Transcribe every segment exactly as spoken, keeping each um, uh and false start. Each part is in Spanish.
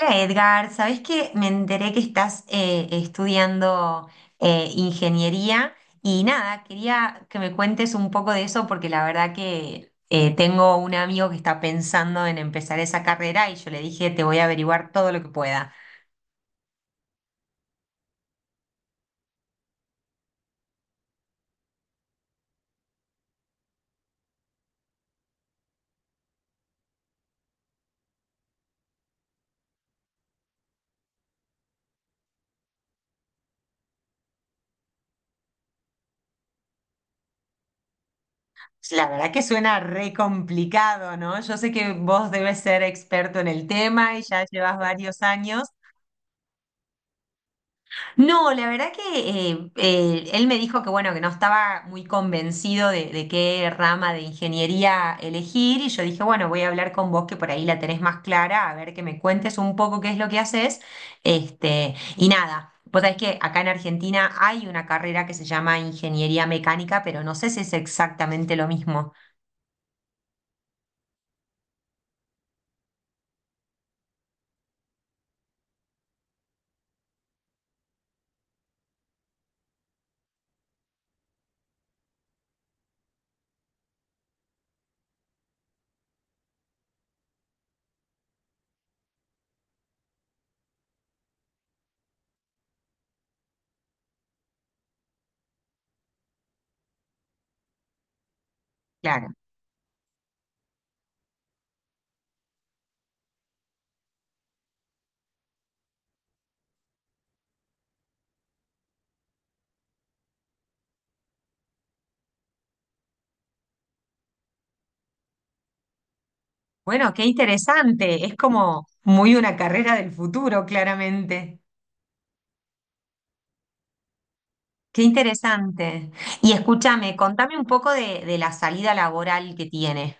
Hola Edgar, ¿sabés que me enteré que estás eh, estudiando eh, ingeniería? Y nada, quería que me cuentes un poco de eso porque la verdad que eh, tengo un amigo que está pensando en empezar esa carrera y yo le dije, te voy a averiguar todo lo que pueda. La verdad que suena re complicado, ¿no? Yo sé que vos debes ser experto en el tema y ya llevas varios años. No, la verdad que eh, eh, él me dijo que bueno, que no estaba muy convencido de, de qué rama de ingeniería elegir y yo dije, bueno, voy a hablar con vos que por ahí la tenés más clara, a ver que me cuentes un poco qué es lo que haces. Este, y nada, vos sabés que acá en Argentina hay una carrera que se llama ingeniería mecánica, pero no sé si es exactamente lo mismo. Claro. Bueno, qué interesante, es como muy una carrera del futuro, claramente. Qué interesante. Y escúchame, contame un poco de, de la salida laboral que tiene.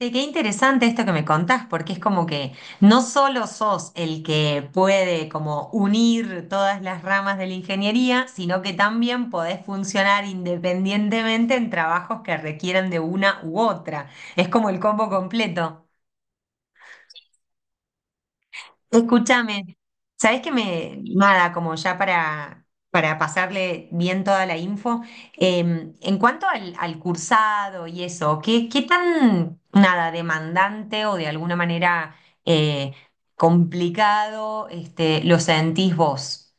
Sí, qué interesante esto que me contás, porque es como que no solo sos el que puede como unir todas las ramas de la ingeniería, sino que también podés funcionar independientemente en trabajos que requieran de una u otra. Es como el combo completo. Escúchame, ¿sabés que me, nada, como ya para, para pasarle bien toda la info, em, en cuanto al, al cursado y eso, ¿qué, qué tan, nada, demandante o de alguna manera eh, complicado este, lo sentís vos?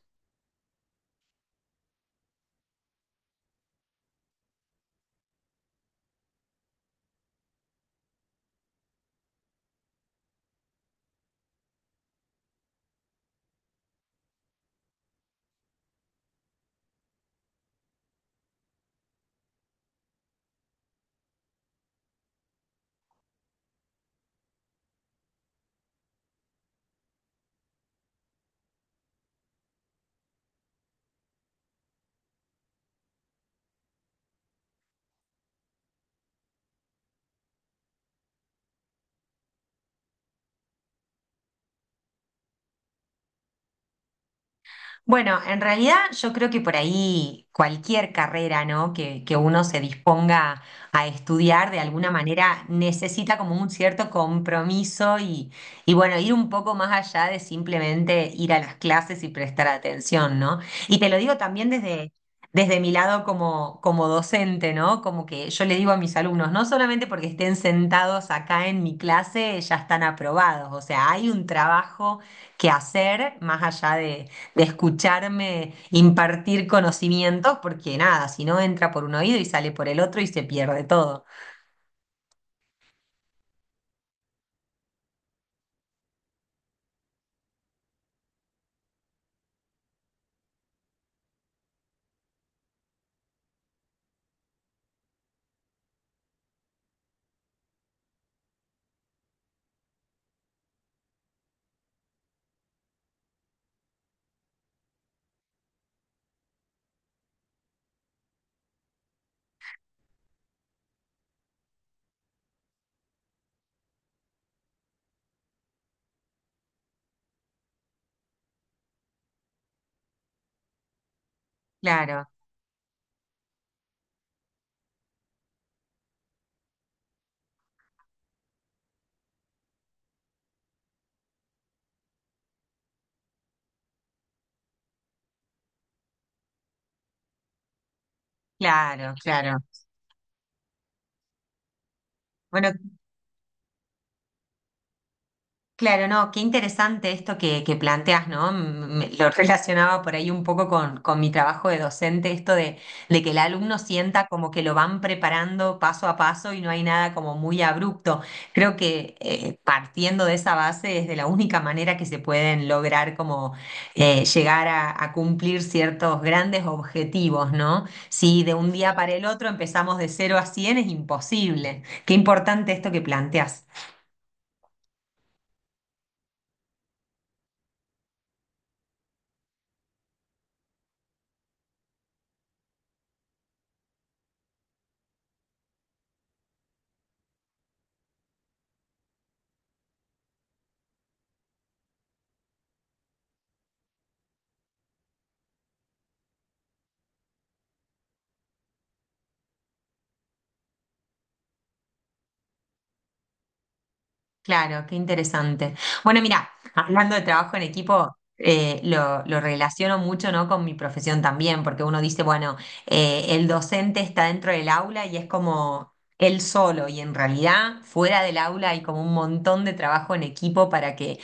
Bueno, en realidad yo creo que por ahí cualquier carrera, ¿no? que, que uno se disponga a estudiar de alguna manera necesita como un cierto compromiso y, y bueno, ir un poco más allá de simplemente ir a las clases y prestar atención, ¿no? Y te lo digo también desde, desde mi lado como, como docente, ¿no? Como que yo le digo a mis alumnos, no solamente porque estén sentados acá en mi clase, ya están aprobados, o sea, hay un trabajo que hacer más allá de de escucharme impartir conocimientos, porque nada, si no entra por un oído y sale por el otro y se pierde todo. Claro, claro, claro. Bueno, claro, no, qué interesante esto que, que planteas, ¿no? Mm, me- lo relacionaba por ahí un poco con, con mi trabajo de docente, esto de, de que el alumno sienta como que lo van preparando paso a paso y no hay nada como muy abrupto. Creo que eh, partiendo de esa base es de la única manera que se pueden lograr como eh, llegar a, a cumplir ciertos grandes objetivos, ¿no? Si de un día para el otro empezamos de cero a cien es imposible. Qué importante esto que planteas. Claro, qué interesante. Bueno, mira, hablando de trabajo en equipo, eh, lo, lo relaciono mucho, ¿no? con mi profesión también, porque uno dice, bueno, eh, el docente está dentro del aula y es como él solo, y en realidad fuera del aula hay como un montón de trabajo en equipo para que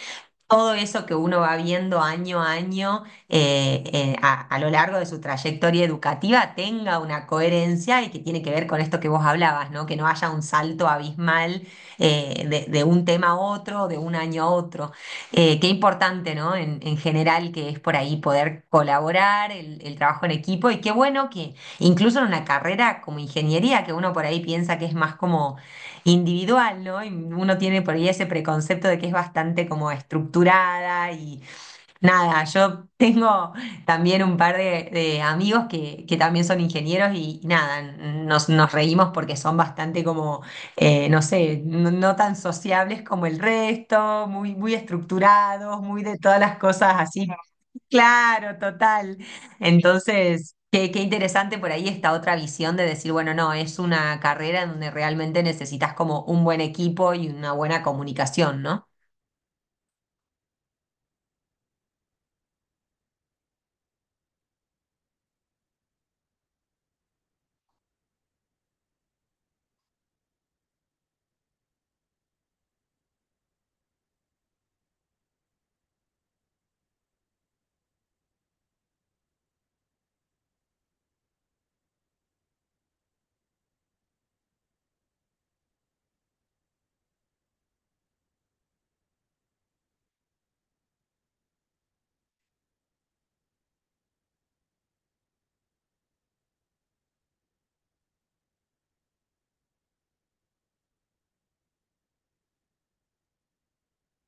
todo eso que uno va viendo año a año eh, eh, a, a lo largo de su trayectoria educativa tenga una coherencia y que tiene que ver con esto que vos hablabas, ¿no? Que no haya un salto abismal eh, de, de un tema a otro, de un año a otro. Eh, qué importante, ¿no? En, en general que es por ahí poder colaborar, el, el trabajo en equipo y qué bueno que incluso en una carrera como ingeniería, que uno por ahí piensa que es más como individual, ¿no? Y uno tiene por ahí ese preconcepto de que es bastante como estructurada y nada, yo tengo también un par de, de amigos que, que también son ingenieros y nada, nos, nos reímos porque son bastante como, eh, no sé, no, no tan sociables como el resto, muy, muy estructurados, muy de todas las cosas así. Claro, total. Entonces, qué, qué interesante por ahí esta otra visión de decir, bueno, no, es una carrera en donde realmente necesitas como un buen equipo y una buena comunicación, ¿no?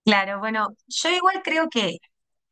Claro, bueno, yo igual creo que,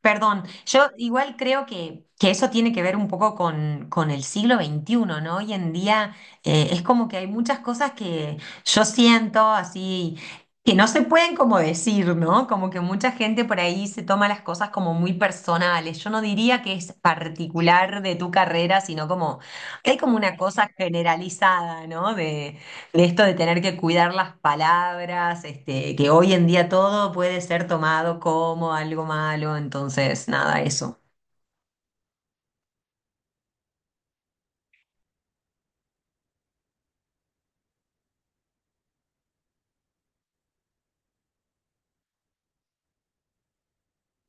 perdón, yo igual creo que, que eso tiene que ver un poco con, con el siglo veintiuno, ¿no? Hoy en día eh, es como que hay muchas cosas que yo siento así, que no se pueden como decir, ¿no? Como que mucha gente por ahí se toma las cosas como muy personales. Yo no diría que es particular de tu carrera, sino como, hay como una cosa generalizada, ¿no? De, de esto de tener que cuidar las palabras, este, que hoy en día todo puede ser tomado como algo malo, entonces nada, eso.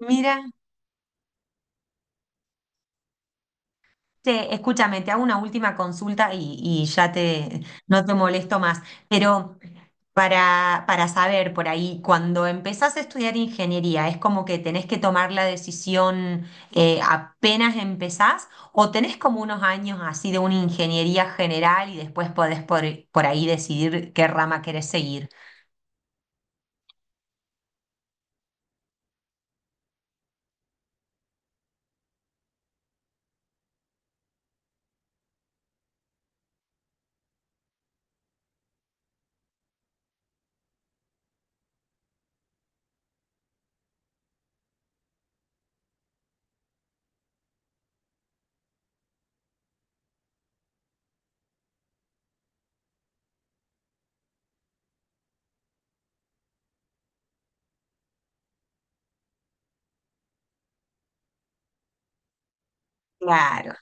Mira. Che, escúchame, te hago una última consulta y, y ya te, no te molesto más, pero para, para saber por ahí, cuando empezás a estudiar ingeniería, ¿es como que tenés que tomar la decisión eh, apenas empezás o tenés como unos años así de una ingeniería general y después podés por, por ahí decidir qué rama querés seguir? Claro.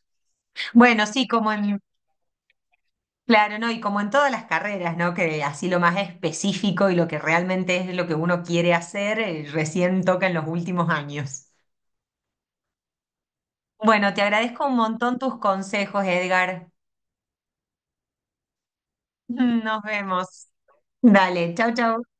Bueno, sí, como en mi claro, ¿no? Y como en todas las carreras, ¿no? Que así lo más específico y lo que realmente es lo que uno quiere hacer, eh, recién toca en los últimos años. Bueno, te agradezco un montón tus consejos, Edgar. Nos vemos. Dale, chau, chau.